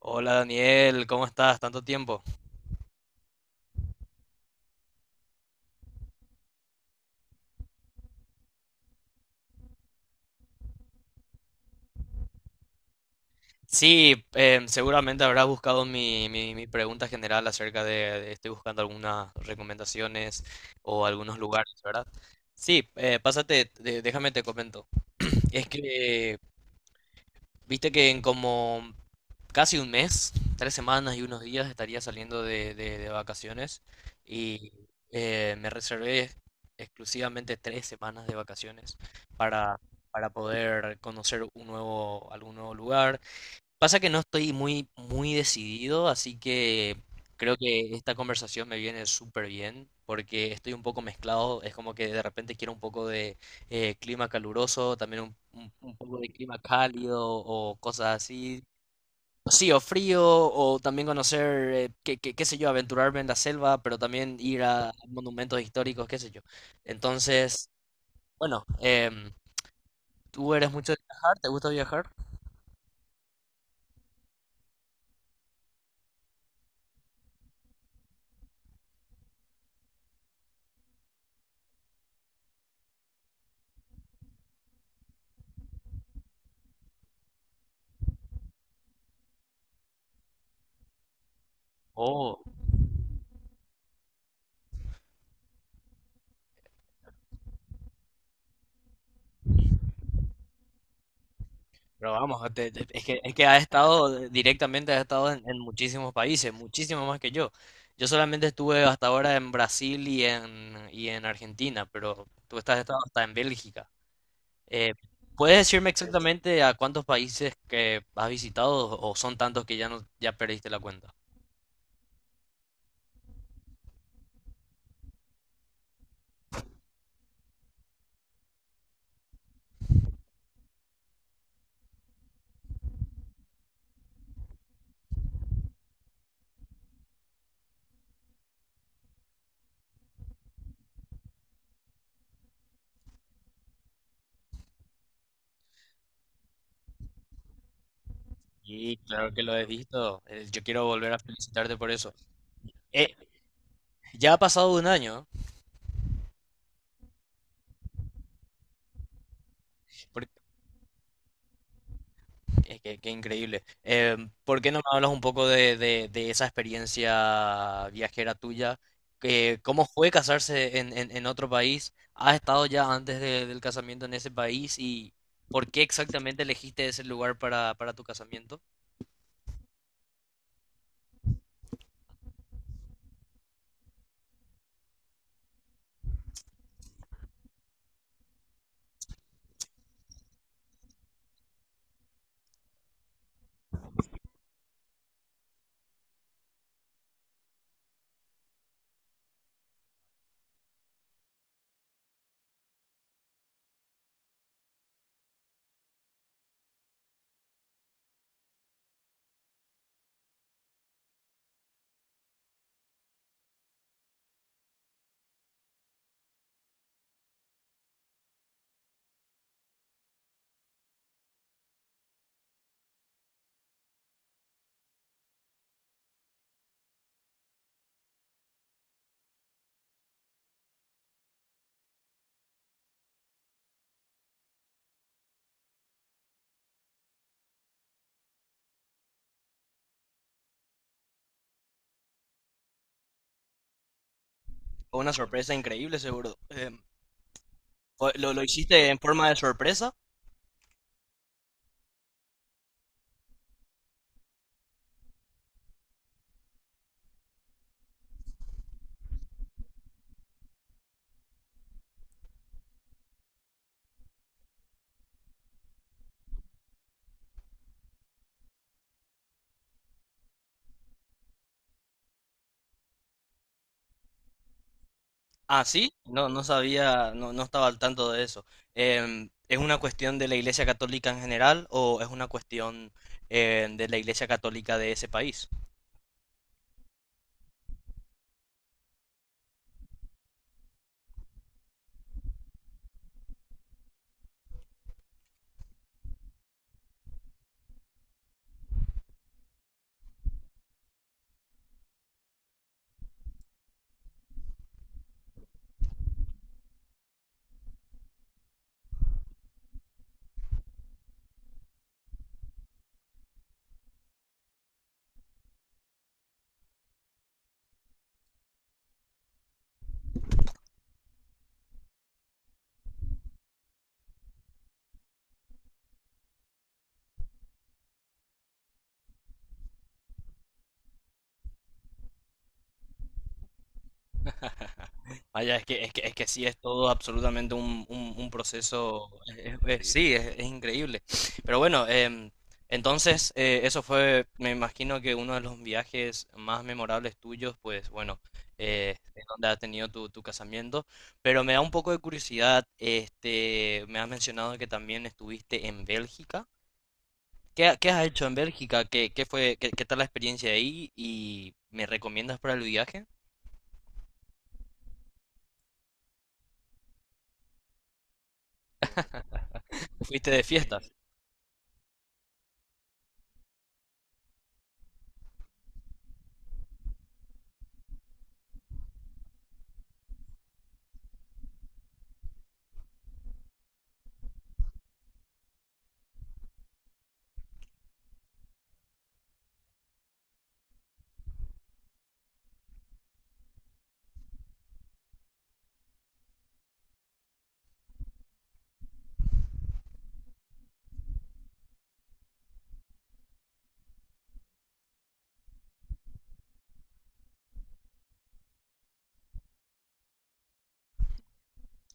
Hola Daniel, ¿cómo estás? Tanto tiempo. Seguramente habrás buscado mi pregunta general acerca de estoy buscando algunas recomendaciones o algunos lugares, ¿verdad? Sí, pásate, déjame te comento. Es que viste que en como casi un mes, tres semanas y unos días estaría saliendo de vacaciones y me reservé exclusivamente tres semanas de vacaciones para, para poder conocer un nuevo, algún nuevo lugar. Pasa que no estoy muy decidido, así que creo que esta conversación me viene súper bien porque estoy un poco mezclado. Es como que de repente quiero un poco de clima caluroso, también un poco de clima cálido o cosas así. Sí, o frío, o también conocer, qué, qué sé yo, aventurarme en la selva, pero también ir a monumentos históricos, qué sé yo. Entonces, bueno, ¿tú eres mucho de viajar? ¿Te gusta viajar? Oh. Pero vamos, es que ha estado directamente, ha estado en muchísimos países, muchísimo más que yo. Yo solamente estuve hasta ahora en Brasil y en Argentina, pero tú estás estado hasta en Bélgica. Eh, ¿Puedes decirme exactamente a cuántos países que has visitado o son tantos que ya no, ya perdiste la cuenta? Y claro que lo he visto. Yo quiero volver a felicitarte por eso. Eh, ya ha pasado un año, ¿eh? Qué increíble. ¿Por qué no me hablas un poco de, de esa experiencia viajera tuya? ¿Cómo fue casarse en, en otro país? ¿Has estado ya antes del casamiento en ese país? ¿Y por qué exactamente elegiste ese lugar para tu casamiento? Fue una sorpresa increíble, seguro. Lo hiciste en forma de sorpresa? Ah, sí, no, no sabía, no, no estaba al tanto de eso. ¿Es una cuestión de la Iglesia Católica en general o es una cuestión de la Iglesia Católica de ese país? Vaya, es que, es que, es que sí, es todo absolutamente un, un proceso. Sí, es increíble. Pero bueno, entonces eso fue, me imagino que uno de los viajes más memorables tuyos, pues bueno, es donde has tenido tu, tu casamiento. Pero me da un poco de curiosidad, este, me has mencionado que también estuviste en Bélgica. ¿Qué, qué has hecho en Bélgica? ¿Qué, qué fue, qué, qué tal la experiencia ahí? ¿Y me recomiendas para el viaje? ¿Fuiste de fiesta?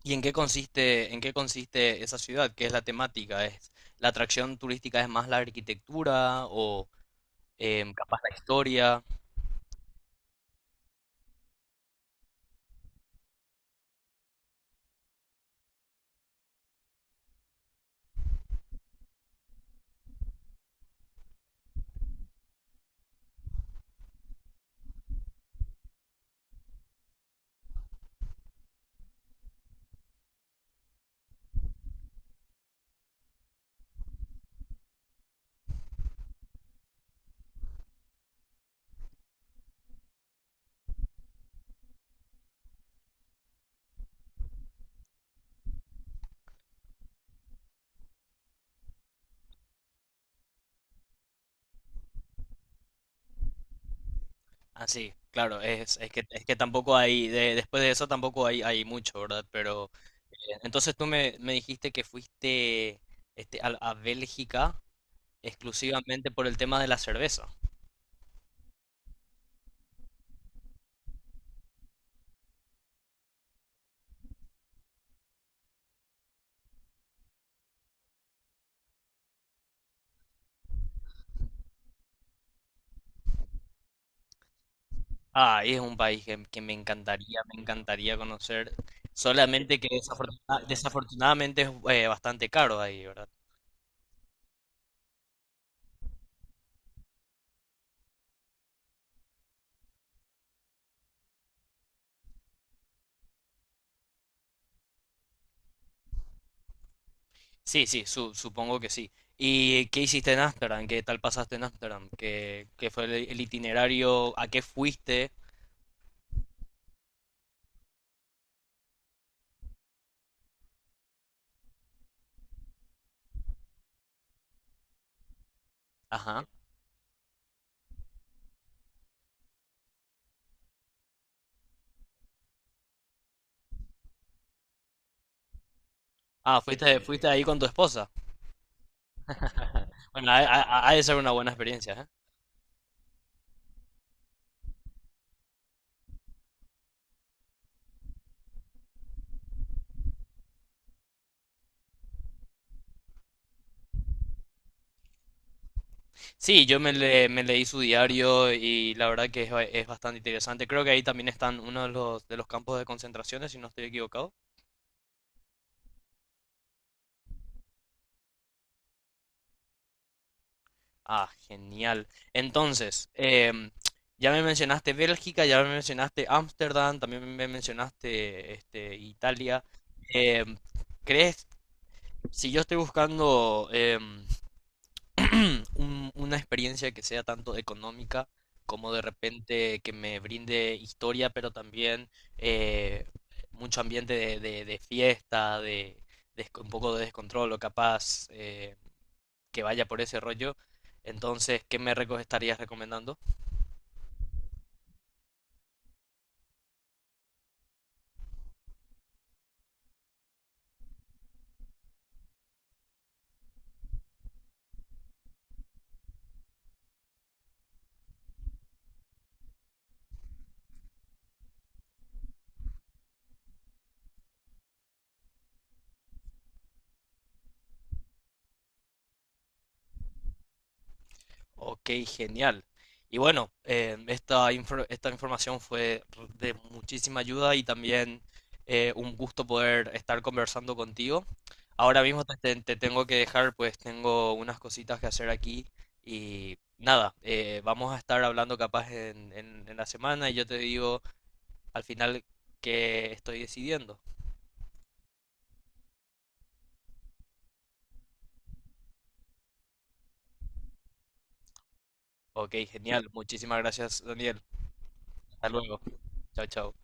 ¿Y en qué consiste esa ciudad? ¿Qué es la temática? ¿Es la atracción turística es más la arquitectura o capaz la historia? Así, claro, es que tampoco hay, después de eso tampoco hay, hay mucho, ¿verdad? Pero eh, entonces tú me, me dijiste que fuiste este, a Bélgica exclusivamente por el tema de la cerveza. Ah, y es un país que me encantaría conocer, solamente que desafortunadamente es bastante caro ahí, ¿verdad? Sí, sí, supongo que sí. ¿Y qué hiciste en Ámsterdam? ¿Qué tal pasaste en Ámsterdam? ¿Qué, qué fue el itinerario? ¿A qué fuiste? Ajá. Ah, fuiste, fuiste ahí con tu esposa. Bueno, ha, ha de ser una buena experiencia, ¿eh? Sí, yo me, me leí su diario y la verdad que es, es bastante interesante. Creo que ahí también están uno de los campos de concentraciones, si no estoy equivocado. Ah, genial. Entonces, ya me mencionaste Bélgica, ya me mencionaste Ámsterdam, también me mencionaste este, Italia. Em, ¿Crees, si yo estoy buscando una experiencia que sea tanto económica como de repente que me brinde historia, pero también eh, mucho ambiente de, de fiesta, de, un poco de descontrol o capaz? Que vaya por ese rollo. Entonces, ¿qué me estarías recomendando? Ok, genial. Y bueno, esta, esta información fue de muchísima ayuda y también un gusto poder estar conversando contigo. Ahora mismo te, te tengo que dejar, pues tengo unas cositas que hacer aquí y nada, vamos a estar hablando capaz en la semana y yo te digo al final qué estoy decidiendo. Ok, genial. Muchísimas gracias, Daniel. Hasta luego. Chao, chao.